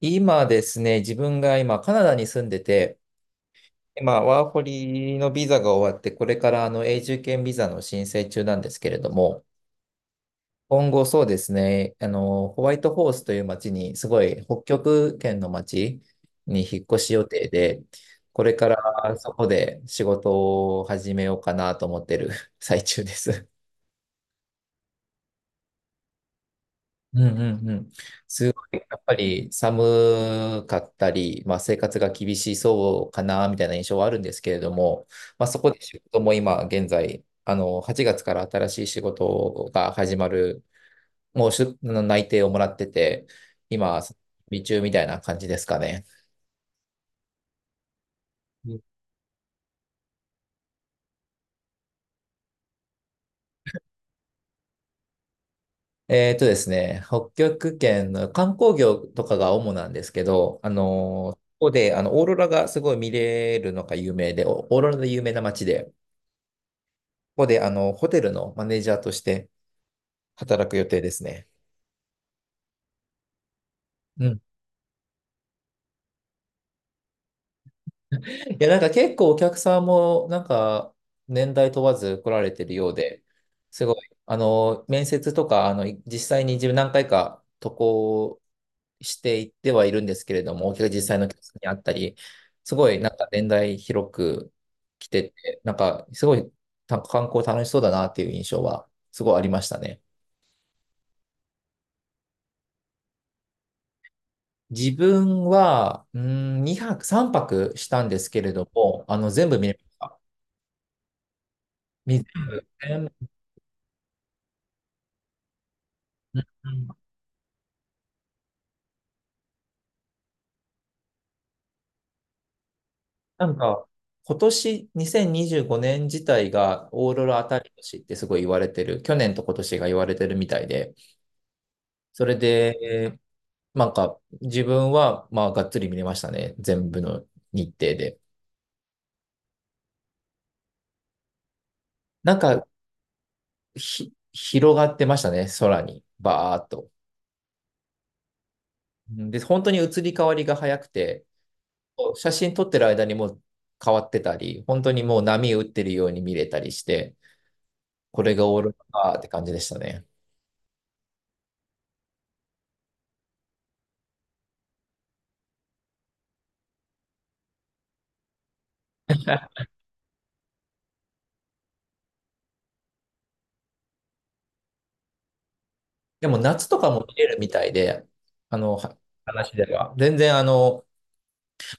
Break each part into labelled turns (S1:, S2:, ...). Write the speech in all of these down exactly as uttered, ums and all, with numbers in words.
S1: 今ですね、自分が今カナダに住んでて、今ワーホリのビザが終わって、これからあの永住権ビザの申請中なんですけれども、今後そうですね、あの、ホワイトホースという町に、すごい北極圏の町に引っ越し予定で、これからそこで仕事を始めようかなと思ってる 最中です。うんうんうん。すごい、やっぱり寒かったり、まあ、生活が厳しそうかな、みたいな印象はあるんですけれども、まあ、そこで仕事も今現在、あの、はちがつから新しい仕事が始まる、もうしゅ内定をもらってて、今、準備中みたいな感じですかね。うん。えーとですね、北極圏の観光業とかが主なんですけど、あの、ここで、あの、オーロラがすごい見れるのが有名で、オオーロラで有名な街で、ここで、あの、ホテルのマネージャーとして働く予定ですね。うん。いや、なんか結構お客さんも、なんか、年代問わず来られてるようで、すごい、あの、面接とか、あの、実際に自分何回か渡航していってはいるんですけれども、お客実際のお客さんに会ったり、すごい、なんか年代広く来てて、なんか、すごい、た観光楽しそうだなっていう印象は、すごいありましたね。自分は、うーん、にはく、さんぱくしたんですけれども、あの、全部見れました。み全部、全部うんうんなんか、今年にせんにじゅうごねん自体がオーロラ当たり年ってすごい言われてる、去年と今年が言われてるみたいで、それで、なんか、自分は、まあ、がっつり見れましたね。全部の日程で。なんか、ひ、広がってましたね、空に、バーっと。うんで、本当に移り変わりが早くて、写真撮ってる間にもう変わってたり、本当にもう波打ってるように見れたりして、これがオーロラかって感じでしたね。でも夏とかも見れるみたいで、あの、は話では。全然あの、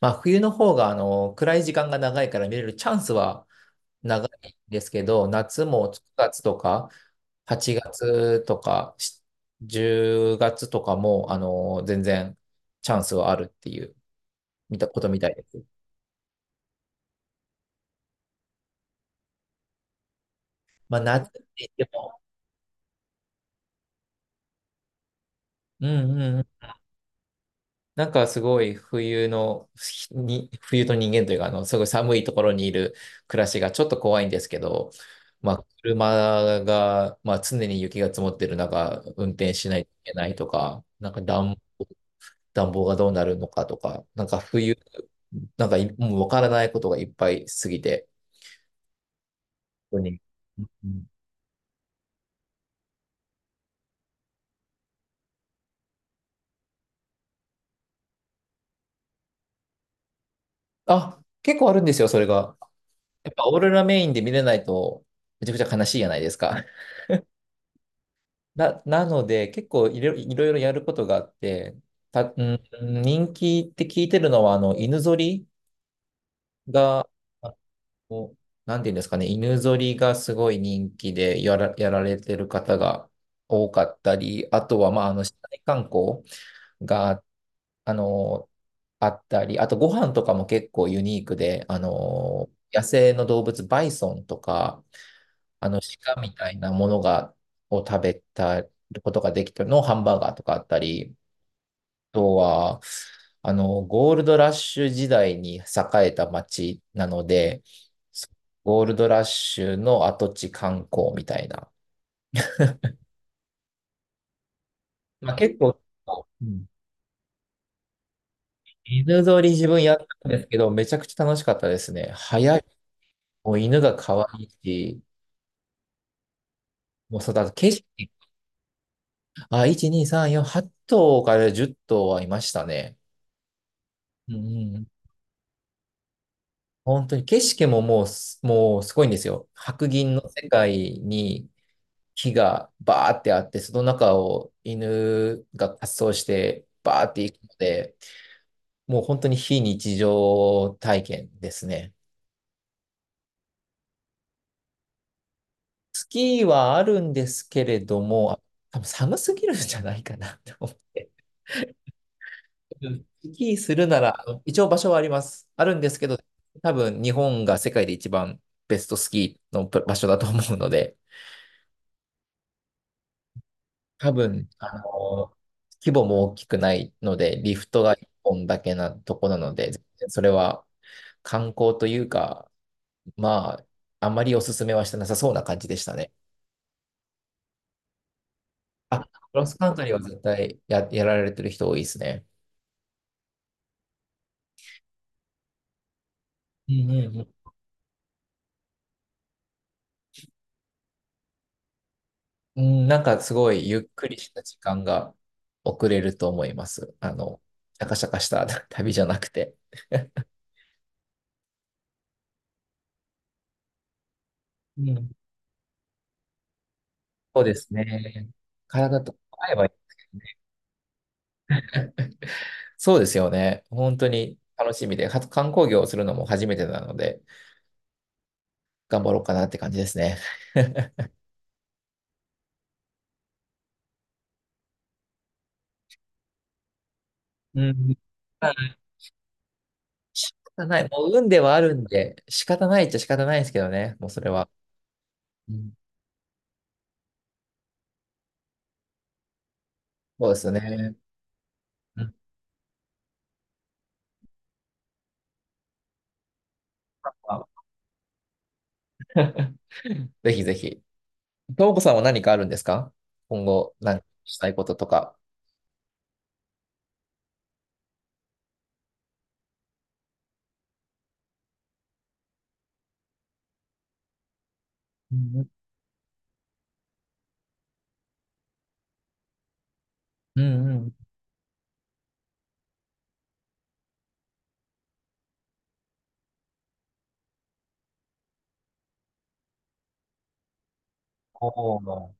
S1: まあ冬の方があの、暗い時間が長いから見れるチャンスは長いんですけど、夏もくがつとかはちがつとかしじゅうがつとかも、あの、全然チャンスはあるっていう、見たことみたいです。まあ夏って言っても、うんうんうん。なんかすごい冬の、ひに、冬の人間というか、あの、すごい寒いところにいる暮らしがちょっと怖いんですけど、まあ、車が、まあ、常に雪が積もってる中、運転しないといけないとか、なんか暖、暖房がどうなるのかとか、なんか冬、なんかいもうわからないことがいっぱいすぎて、本当に。うんあ、結構あるんですよ、それが。やっぱオーロラメインで見れないと、めちゃくちゃ悲しいじゃないですか。な、なので、結構いろ、いろいろやることがあって、た、うん、人気って聞いてるのは、あの、犬ぞりが、おなんていうんですかね、犬ぞりがすごい人気でやら、やられてる方が多かったり、あとは、まあ、あの、市内観光が、あの、あったり、あとご飯とかも結構ユニークで、あの、野生の動物、バイソンとか、あの、鹿みたいなものが、を食べたことができたのハンバーガーとかあったり、とは、あの、ゴールドラッシュ時代に栄えた町なので、ゴールドラッシュの跡地観光みたいな。まあ、結構、うん犬ぞり自分やったんですけど、めちゃくちゃ楽しかったですね。早い。もう犬が可愛いし、もうそうだ、景色、あ、いち、に、さん、よん、はっとう頭からじゅっとう頭はいましたね。うんうん本当に景色ももうす、もうすごいんですよ。白銀の世界に木がバーってあって、その中を犬が滑走してバーって行くので、もう本当に非日常体験ですね。スキーはあるんですけれども、多分寒すぎるんじゃないかなって思って。うんスキーするなら、あの一応場所はあります。あるんですけど、多分日本が世界で一番ベストスキーの場所だと思うので、多分、あの、規模も大きくないので、リフトがいっぽんだけなとこなので、それは観光というか、まあ、あまりおすすめはしてなさそうな感じでしたね。あ、クロスカントリーは絶対や、やられてる人多いですね。うんうんうん。うんなんかすごいゆっくりした時間が遅れると思います。あの、シャカシャカした 旅じゃなくて。うん。そうですね。体とか合えばそうですよね。本当に楽しみで、は観光業をするのも初めてなので、頑張ろうかなって感じですね。うん。まあ、仕方ない。もう運ではあるんで、仕方ないっちゃ仕方ないですけどね。もうそれは。うん、そうですよね。うん。まあ ぜひぜひ。ともこさんは何かあるんですか？今後、何かしたいこととか。うんうん。うんおー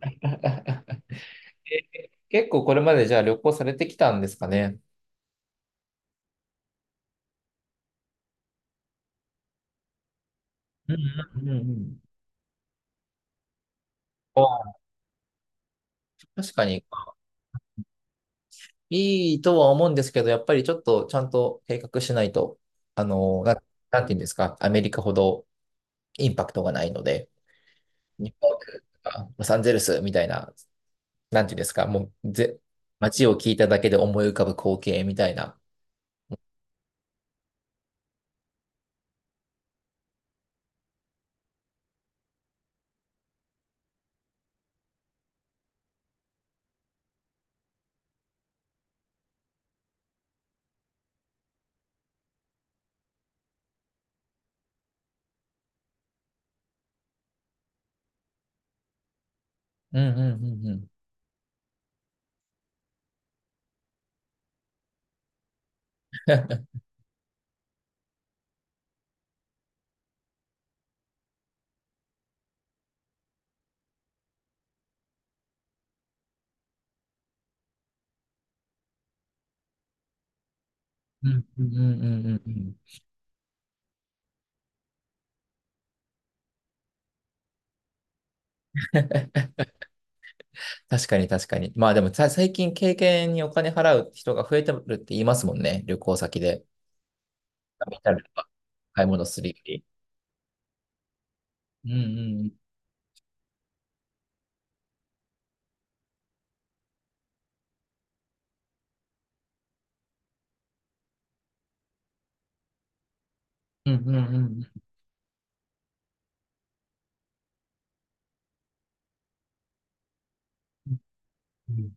S1: え結構これまでじゃあ旅行されてきたんですかね。うんうんうんうん。ああ、確かにいいとは思うんですけど、やっぱりちょっとちゃんと計画しないと、あの、な、なんていうんですか、アメリカほどインパクトがないので、ニューヨークとかロサンゼルスみたいな、なんていうんですか、もうぜ、街を聞いただけで思い浮かぶ光景みたいな。うんうんうんうん。うんうんうんうんうんうん。確かに確かに。まあでもさ最近経験にお金払う人が増えてるって言いますもんね、旅行先で。旅行ったりとか買い物するより。うんうんうんうんうんうんうん。